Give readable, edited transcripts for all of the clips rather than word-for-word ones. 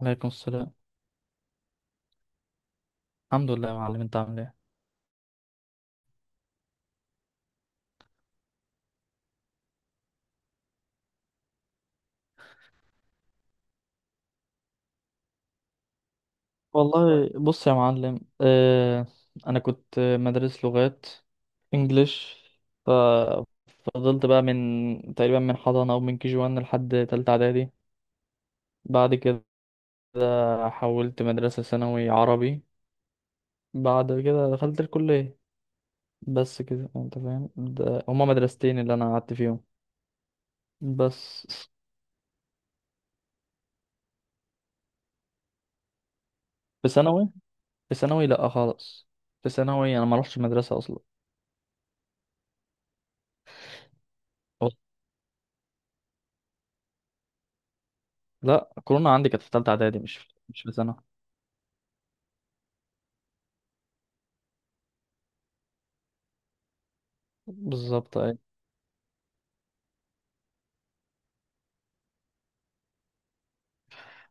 عليكم السلام. الحمد لله يا معلم، انت عامل ايه؟ والله بص يا معلم، اه انا كنت مدرس لغات، انجليش. ففضلت بقى من تقريبا، من حضانة او من كي جي 1 لحد تالتة اعدادي. بعد كده حولت مدرسة ثانوي عربي. بعد كده دخلت الكلية. بس كده انت فاهم، ده هما مدرستين اللي انا قعدت فيهم. بس في ثانوي، في ثانوي لا خالص. في ثانوي انا ما رحتش مدرسة اصلا. لا كورونا عندي كانت في ثالثه اعدادي، مش مش في سنه بالظبط، اي.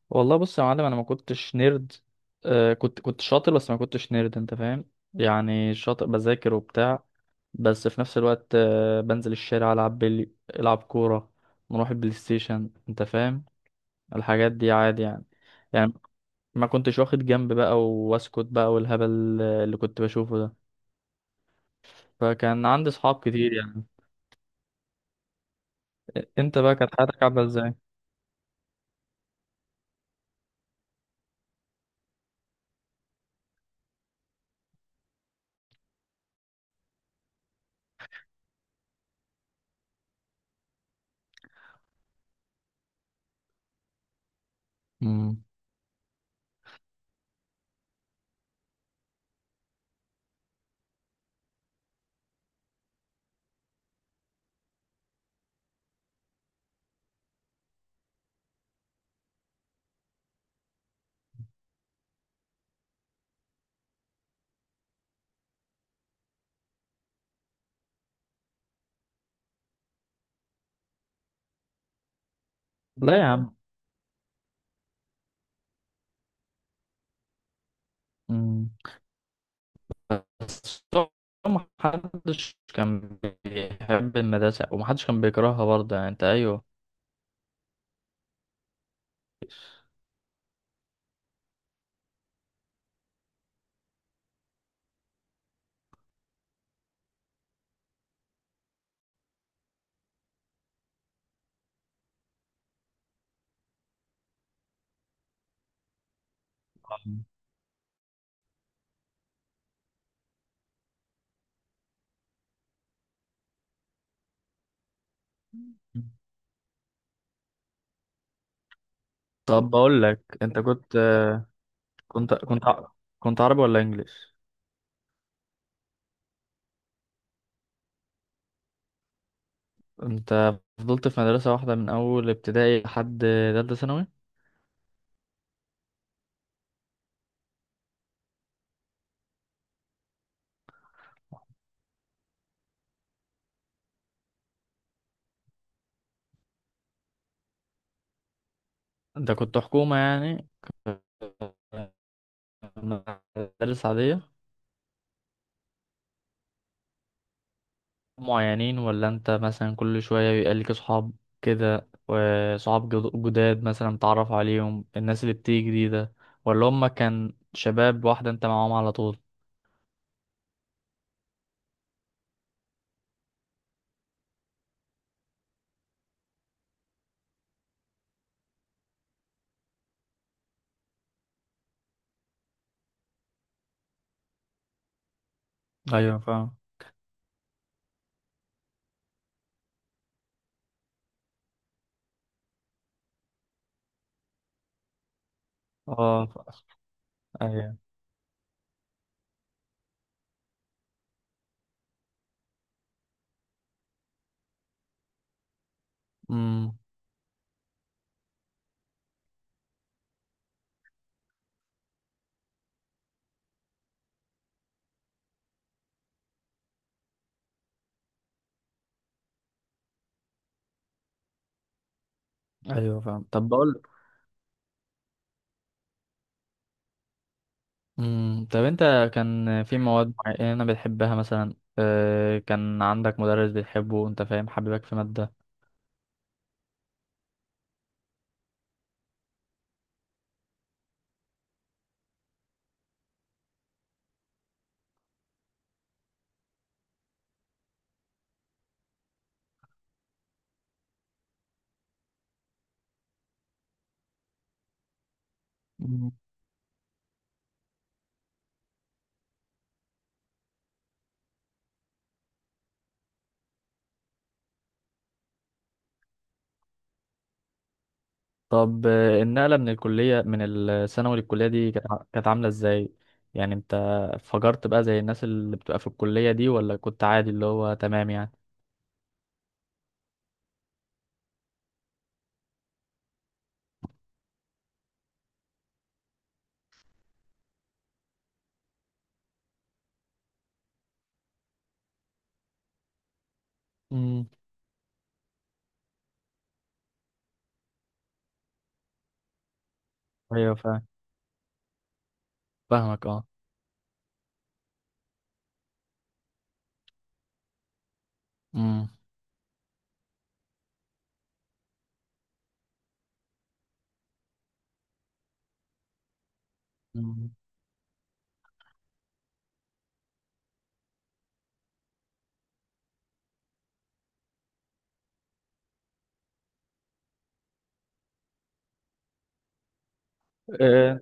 والله بص يا معلم، انا ما كنتش نيرد. آه كنت شاطر، بس ما كنتش نيرد انت فاهم. يعني شاطر، بذاكر وبتاع. بس في نفس الوقت بنزل الشارع، العب بلي، العب كوره، نروح البلاي ستيشن انت فاهم. الحاجات دي عادي يعني. يعني ما كنتش واخد جنب بقى واسكت بقى والهبل، اللي كنت بشوفه ده. فكان عندي صحاب كتير يعني. انت بقى كانت حياتك عامله ازاي؟ امم لا يا عم. مم. بس هو محدش كان بيحب المدرسة، ومحدش كان بيكرهها برضه يعني، انت ايوه. طب بقول لك، انت كنت كنت ع- كنت عربي ولا انجليش؟ انت فضلت في مدرسة واحدة من اول ابتدائي لحد تالتة ثانوي؟ انت كنت حكومة يعني؟ مدارس عادية؟ معينين، ولا انت مثلا كل شوية بيبقى ليك صحاب كده، وصحاب جداد مثلا تعرف عليهم، الناس اللي بتيجي جديدة، ولا هما كان شباب واحدة انت معاهم على طول؟ ايوه فاهم. اه ايوه. امم. ايوه فاهم. طب بقول، امم، طب انت كان في مواد معينة بتحبها مثلا؟ اه كان عندك مدرس بتحبه انت فاهم، حبيبك في مادة؟ طب النقلة من الكلية من الثانوي للكلية دي كانت كانت عاملة ازاي؟ يعني انت فجرت بقى زي الناس اللي بتبقى في الكلية دي، ولا كنت عادي اللي هو تمام يعني؟ امم. ايوه فاهم. فاهمك اه. امم. مم. آه،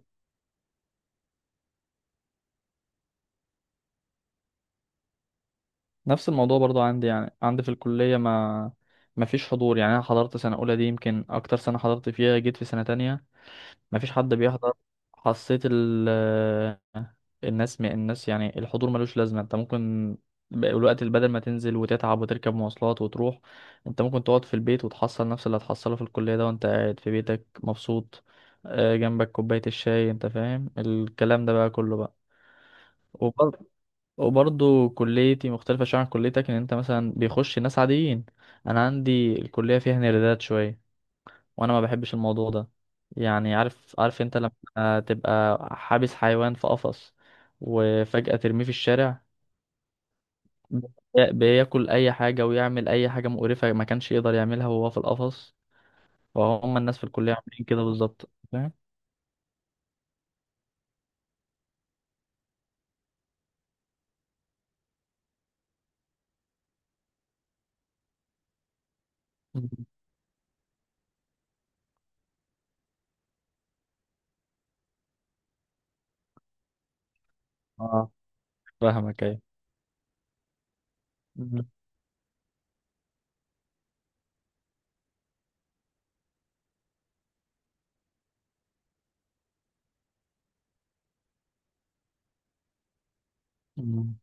نفس الموضوع برضو عندي. يعني عندي في الكلية ما فيش حضور. يعني انا حضرت سنة اولى، دي يمكن اكتر سنة حضرت فيها، جيت في سنة تانية مفيش حد بيحضر. حسيت الناس الناس يعني الحضور ملوش لازمة. انت ممكن، الوقت اللي بدل ما تنزل وتتعب وتركب مواصلات وتروح، انت ممكن تقعد في البيت وتحصل نفس اللي هتحصله في الكلية ده وانت قاعد في بيتك مبسوط، جنبك كوباية الشاي، انت فاهم الكلام ده بقى كله بقى. وبر- وبرضه كليتي مختلفة شوية عن كليتك، ان انت مثلا بيخش ناس عاديين، انا عندي الكلية فيها نيردات شوية، وانا ما بحبش الموضوع ده. يعني عارف، عارف انت لما تبقى حابس حيوان في قفص وفجأة ترميه في الشارع، بياكل اي حاجة ويعمل اي حاجة مقرفة ما كانش يقدر يعملها وهو في القفص. وهم الناس في الكلية عاملين كده بالظبط، فاهم. مم. اه فاهمك، ايوه. مم. مم.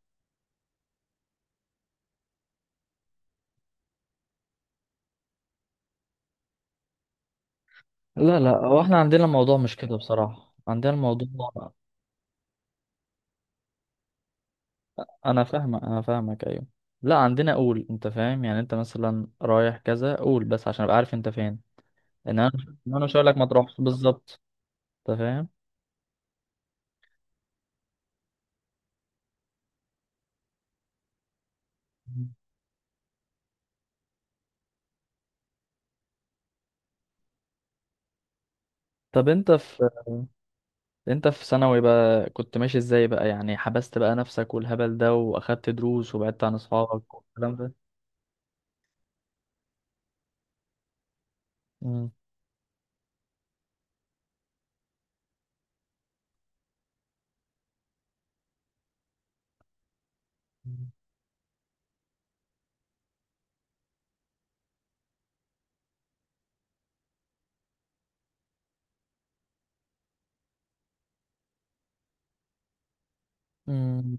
لا لا، هو احنا عندنا الموضوع مش كده بصراحة. عندنا الموضوع، انا فاهمك، انا فاهمك ايوه، لا عندنا قول انت فاهم، يعني انت مثلا رايح كذا قول، بس عشان ابقى عارف انت فين. ان انا، إن انا مش هقول لك ما تروحش بالظبط، انت فاهم. مم. طب انت في، انت في ثانوي بقى كنت ماشي ازاي بقى؟ يعني حبست بقى نفسك والهبل ده واخدت دروس وبعدت عن اصحابك والكلام ده؟ مم. مم.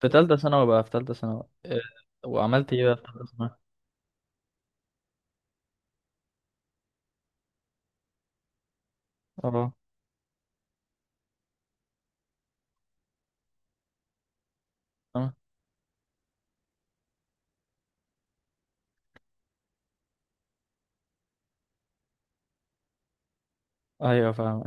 في تالتة ثانوي بقى، في تالتة ثانوي إيه، وعملت ايه بقى في تالتة ثانوي؟ اه. آه. ايوه فاهم.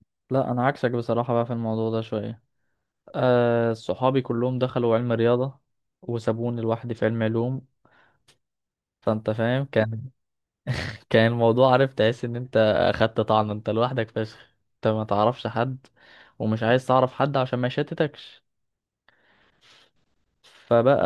لا انا عكسك بصراحة بقى في الموضوع ده شوية. آه صحابي كلهم دخلوا علم رياضة، وسابوني لوحدي في علم علوم. فانت فاهم كان، كان الموضوع عارف، تحس ان انت اخدت طعن، انت لوحدك فشخ، انت ما تعرفش حد ومش عايز تعرف حد عشان ما يشتتكش. فبقى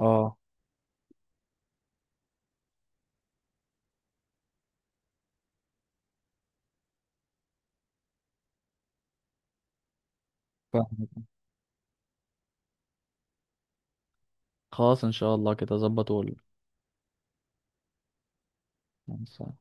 اه. فاهم. خلاص ان شاء الله كده ظبط. وقول